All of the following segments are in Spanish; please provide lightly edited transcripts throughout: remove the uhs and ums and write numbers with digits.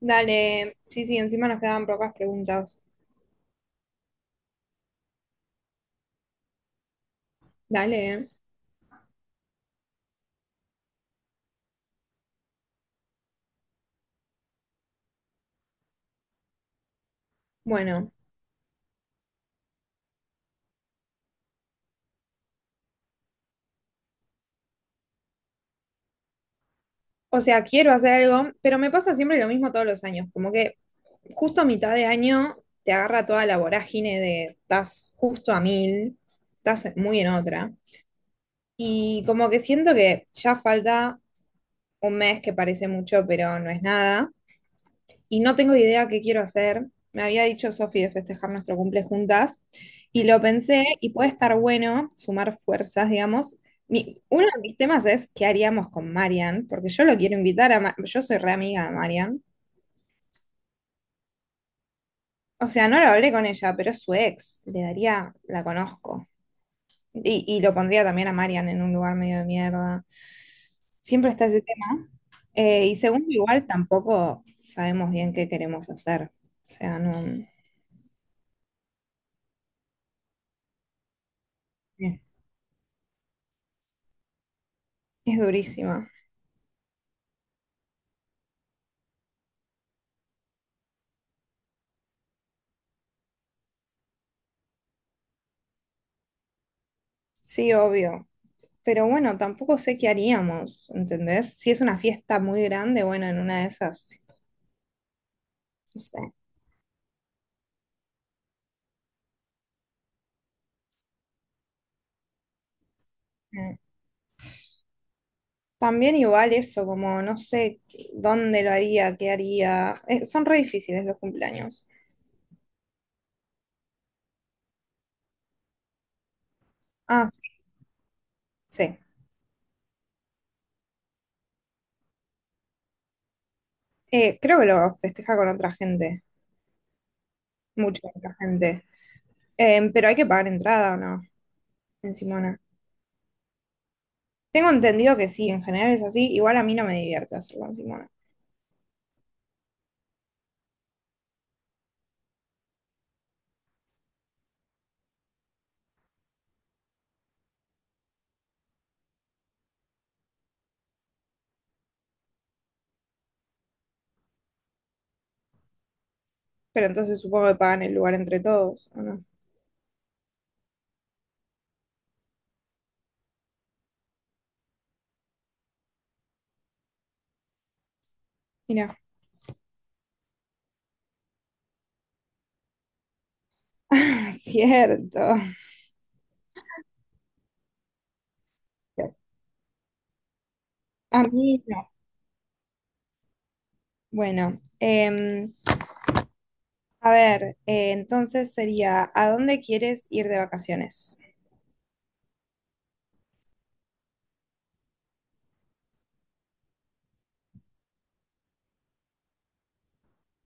Dale, sí, sí, encima nos quedaban pocas preguntas. Dale, bueno, o sea, quiero hacer algo, pero me pasa siempre lo mismo todos los años, como que justo a mitad de año te agarra toda la vorágine de estás justo a mil, estás muy en otra, y como que siento que ya falta un mes que parece mucho, pero no es nada, y no tengo idea qué quiero hacer. Me había dicho Sofi de festejar nuestro cumple juntas y lo pensé y puede estar bueno sumar fuerzas, digamos. Uno de mis temas es qué haríamos con Marian, porque yo lo quiero invitar a... yo soy re amiga de Marian. O sea, no lo hablé con ella, pero es su ex. Le daría, la conozco. Y lo pondría también a Marian en un lugar medio de mierda. Siempre está ese tema. Y segundo, igual tampoco sabemos bien qué queremos hacer. O sea, no... eh, Es durísima. Sí, obvio. Pero bueno, tampoco sé qué haríamos, ¿entendés? Si es una fiesta muy grande, bueno, en una de esas, no sé. Mm. También igual eso, como no sé dónde lo haría, qué haría. Son re difíciles los cumpleaños. Ah, sí, sí. Creo que lo festeja con otra gente, mucha otra gente. Pero hay que pagar entrada o no, en Simona. Tengo entendido que sí, en general es así. Igual a mí no me divierte hacerlo en Simona. Pero entonces supongo que pagan el lugar entre todos, ¿o no? Mirá. Cierto. A mí no. Bueno, a ver, entonces sería, ¿a dónde quieres ir de vacaciones?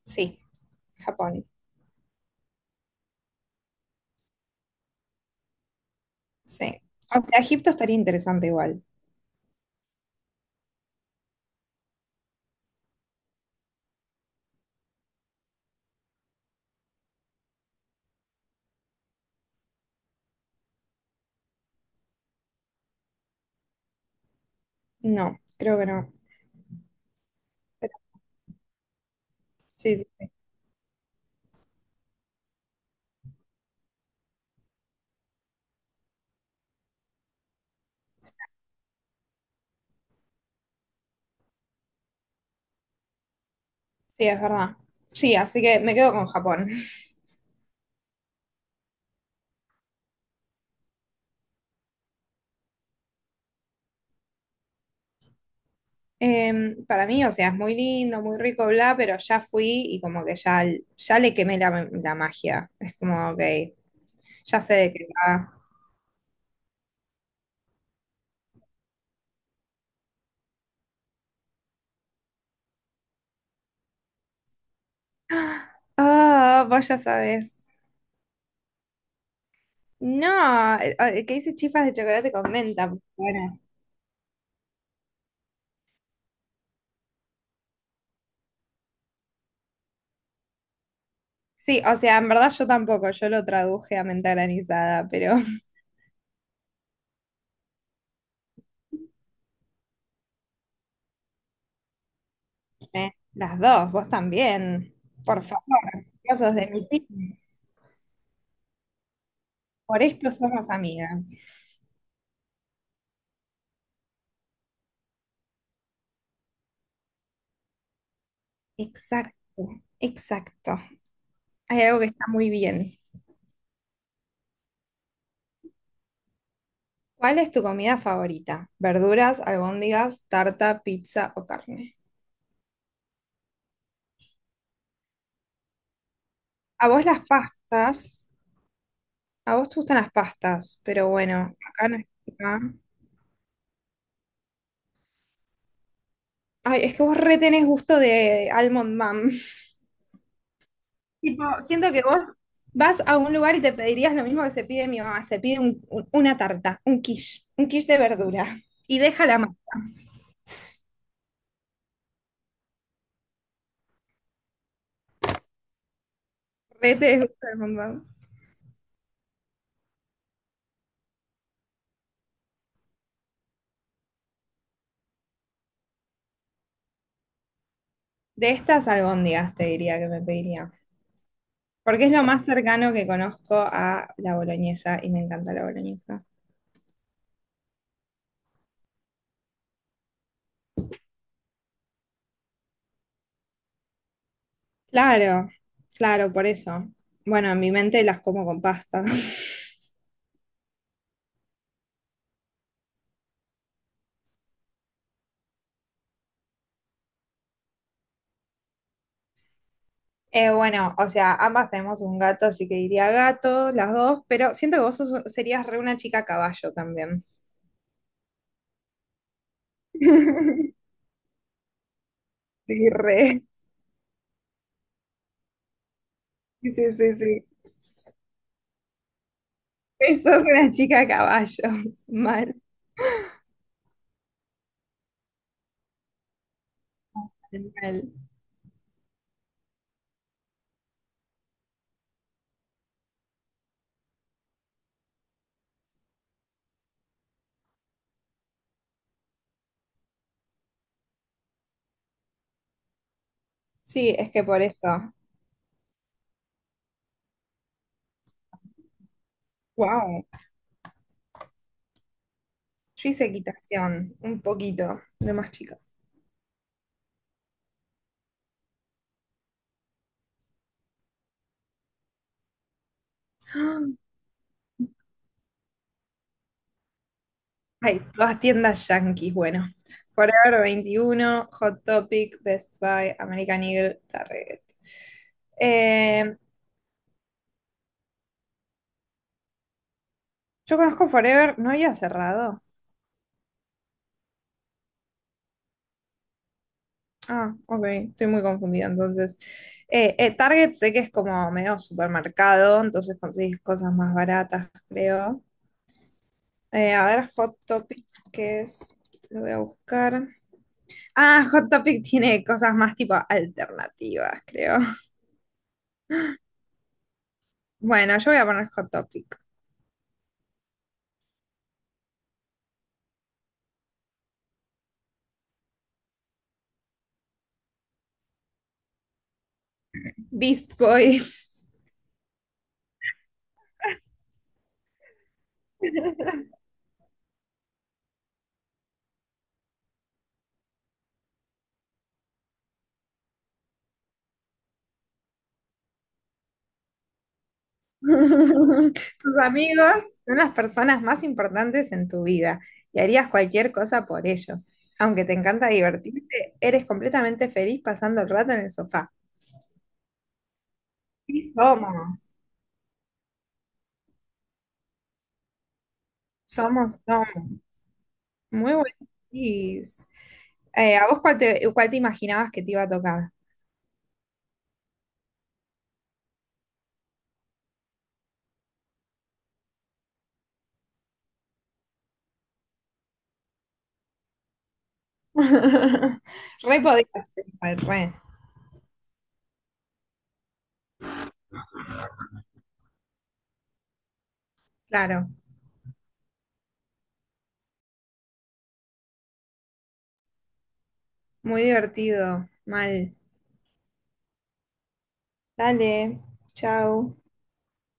Sí, Japón. Sí. O sea, Egipto estaría interesante igual. No, creo que no. Pero sí, sí, sí. Sí, es verdad. Sí, así que me quedo con Japón. Para mí, o sea, es muy lindo, muy rico, bla, pero ya fui y como que ya le quemé la magia. Es como, ok, ya sé de qué va. Ah, vos ya sabes. No, que dice chifas de chocolate con menta. Por favor. Sí, o sea, en verdad yo tampoco, yo lo traduje a menta granizada, pero las dos, vos también. Por favor, vos sos de mi team. Por esto somos amigas. Exacto, exacto. Hay algo que está muy bien. ¿Cuál es tu comida favorita? ¿Verduras, albóndigas, tarta, pizza o carne? A vos las pastas, a vos te gustan las pastas, pero bueno, acá no está. Ay, es que vos retenés gusto de Almond Mom. Tipo, siento que vos vas a un lugar y te pedirías lo mismo que se pide mi mamá. Se pide una tarta, un quiche de verdura. Y déjala más. Re te gusta Almond Mom. De estas albóndigas te diría que me pediría. Porque es lo más cercano que conozco a la boloñesa y me encanta la boloñesa. Claro, claro, por eso. Bueno, en mi mente las como con pasta. Bueno, o sea, ambas tenemos un gato, así que diría gato, las dos, pero siento que vos serías re una chica caballo también. Sí, re. Sí, sí, sí. Re sos una chica caballo. Mal, mal. Sí, es que por eso. Wow. Yo hice equitación, un poquito, de más chica. ¡Ah! Ay, todas tiendas yanquis, bueno. Forever 21, Hot Topic, Best Buy, American Eagle, Target. Eh, Yo conozco Forever, ¿no había cerrado? Ah, ok, estoy muy confundida. Entonces, Target sé que es como medio supermercado, entonces conseguís cosas más baratas, creo. A ver, Hot Topic, ¿qué es? Lo voy a buscar. Ah, Hot Topic tiene cosas más tipo alternativas, creo. Bueno, yo voy a poner Hot Topic. Beast Boy. Tus amigos son las personas más importantes en tu vida y harías cualquier cosa por ellos. Aunque te encanta divertirte, eres completamente feliz pasando el rato en el sofá. Sí, somos. Muy buenos tips. ¿A vos cuál te imaginabas que te iba a tocar? Re podías ser igual, re. Claro, muy divertido. Mal. Dale, chao.